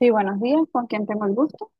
Sí, buenos días, ¿con quién tengo el gusto?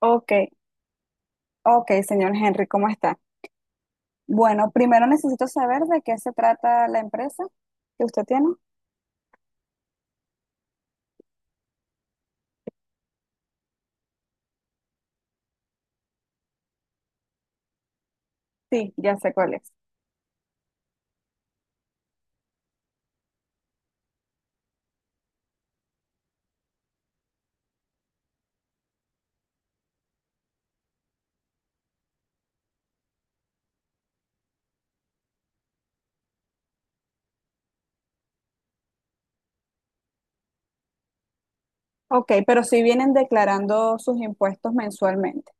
Ok, ok, señor Henry, ¿cómo está? Bueno, primero necesito saber de qué se trata la empresa que usted tiene. Sí, ya sé cuál es. Ok, pero sí vienen declarando sus impuestos mensualmente.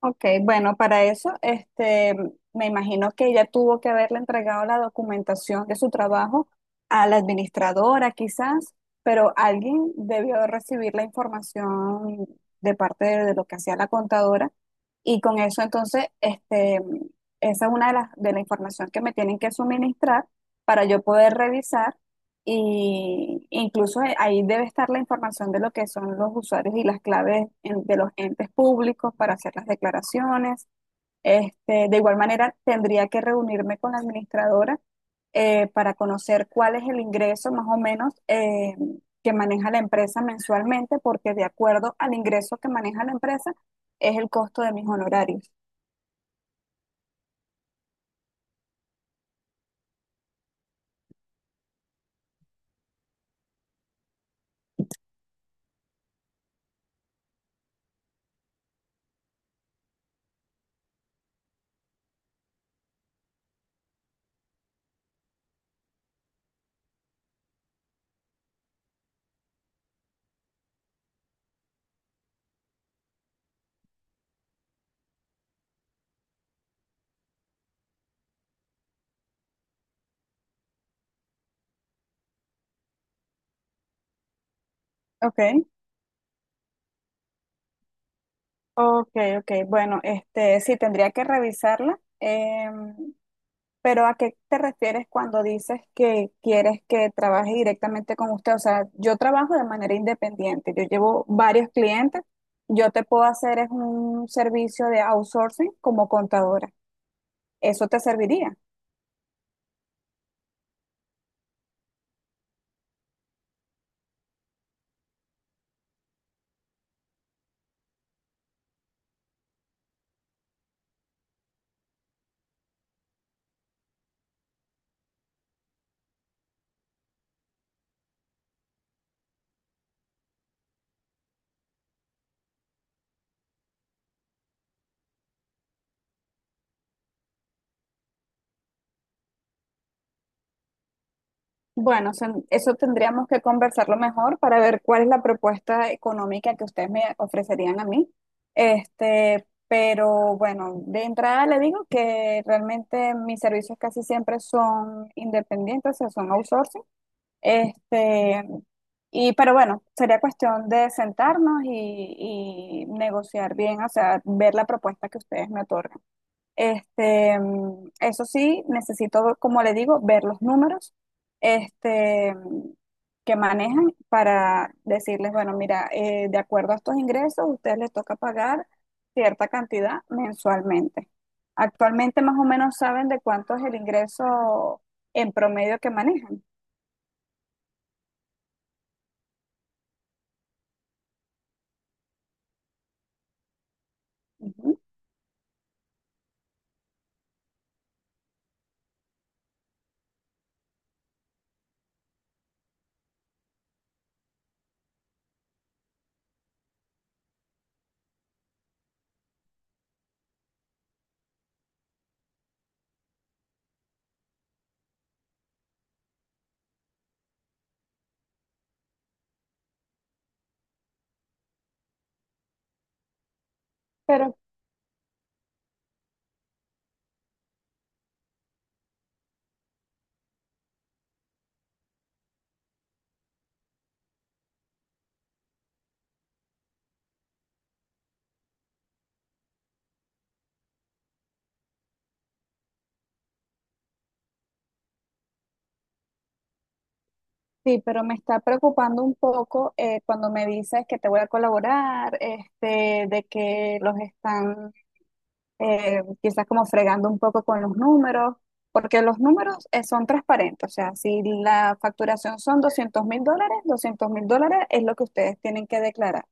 Ok, bueno, para eso, me imagino que ella tuvo que haberle entregado la documentación de su trabajo a la administradora, quizás, pero alguien debió recibir la información de lo que hacía la contadora y con eso entonces, esa es una de las de la información que me tienen que suministrar para yo poder revisar y incluso ahí debe estar la información de lo que son los usuarios y las claves de los entes públicos para hacer las declaraciones. Este, de igual manera, tendría que reunirme con la administradora para conocer cuál es el ingreso más o menos que maneja la empresa mensualmente, porque de acuerdo al ingreso que maneja la empresa es el costo de mis honorarios. Ok, ok, ok. Bueno, este sí, tendría que revisarla. Pero ¿a qué te refieres cuando dices que quieres que trabaje directamente con usted? O sea, yo trabajo de manera independiente, yo llevo varios clientes, yo te puedo hacer es un servicio de outsourcing como contadora. ¿Eso te serviría? Bueno, eso tendríamos que conversarlo mejor para ver cuál es la propuesta económica que ustedes me ofrecerían a mí. Este, pero bueno, de entrada le digo que realmente mis servicios casi siempre son independientes, o sea, son outsourcing. Este, y, pero bueno, sería cuestión de sentarnos y negociar bien, o sea, ver la propuesta que ustedes me otorgan. Este, mm, eso sí, necesito, como le digo, ver los números, este, mm, que manejan para decirles, bueno, mira, de acuerdo a estos ingresos, a ustedes les toca pagar cierta cantidad mensualmente. Actualmente más o menos saben de cuánto es el ingreso en promedio que manejan. Ujú. Pero sí, pero me está preocupando un poco cuando me dices que te voy a colaborar, este, de que los están quizás como fregando un poco con los números, porque los números son transparentes, o sea, si la facturación son $200,000, $200,000 es lo que ustedes tienen que declarar.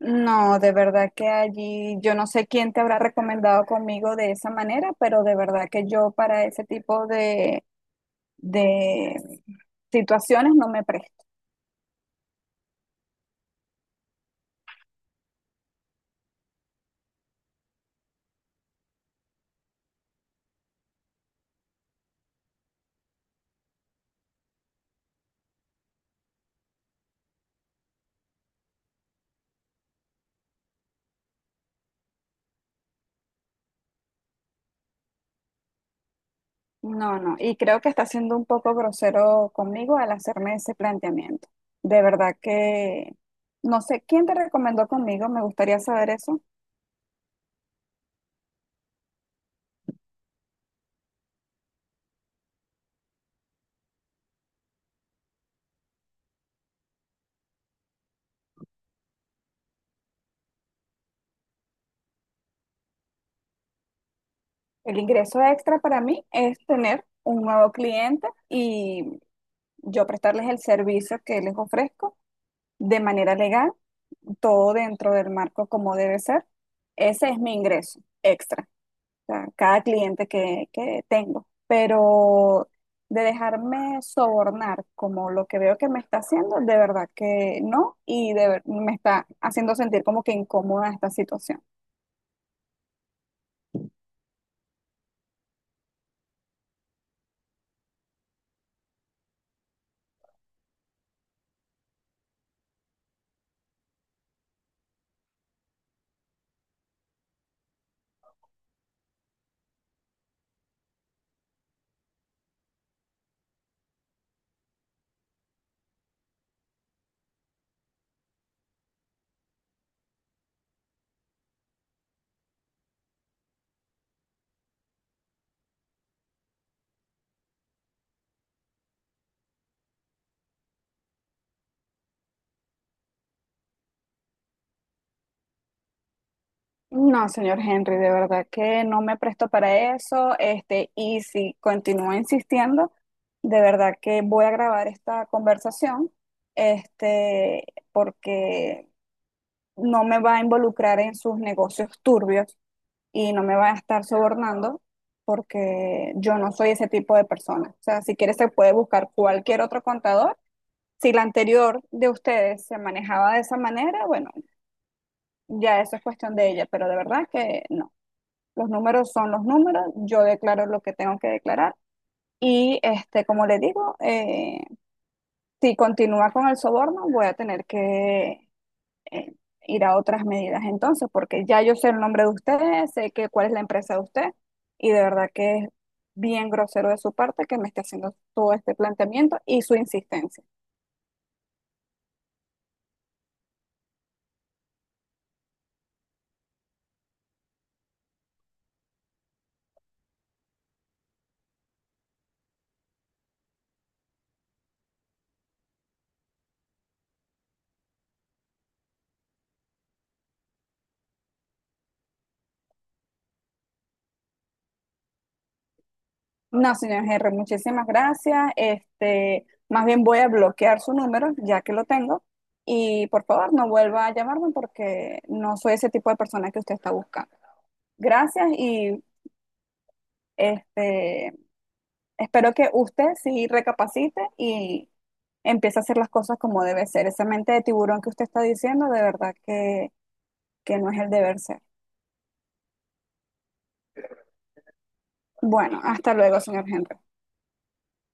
No, de verdad que allí yo no sé quién te habrá recomendado conmigo de esa manera, pero de verdad que yo para ese tipo de situaciones no me presto. No, no, y creo que está siendo un poco grosero conmigo al hacerme ese planteamiento. De verdad que no sé quién te recomendó conmigo, me gustaría saber eso. El ingreso extra para mí es tener un nuevo cliente y yo prestarles el servicio que les ofrezco de manera legal, todo dentro del marco como debe ser. Ese es mi ingreso extra. Sea, cada cliente que tengo, pero de dejarme sobornar como lo que veo que me está haciendo, de verdad que no, me está haciendo sentir como que incómoda esta situación. No, señor Henry, de verdad que no me presto para eso. Este, y si continúa insistiendo, de verdad que voy a grabar esta conversación, este, porque no me va a involucrar en sus negocios turbios y no me va a estar sobornando, porque yo no soy ese tipo de persona. O sea, si quiere se puede buscar cualquier otro contador. Si la anterior de ustedes se manejaba de esa manera, bueno, ya eso es cuestión de ella, pero de verdad que no. Los números son los números, yo declaro lo que tengo que declarar y este, como le digo, si continúa con el soborno, voy a tener que eh, ir a otras medidas entonces, porque ya yo sé el nombre de usted, sé que cuál es la empresa de usted y de verdad que es bien grosero de su parte que me esté haciendo todo este planteamiento y su insistencia. No, señor Henry, muchísimas gracias. Este, más bien voy a bloquear su número, ya que lo tengo. Y por favor, no vuelva a llamarme porque no soy ese tipo de persona que usted está buscando. Gracias y este, espero que usted sí recapacite y empiece a hacer las cosas como debe ser. Esa mente de tiburón que usted está diciendo, de verdad que no es el deber ser. Bueno, hasta luego, señor Henry.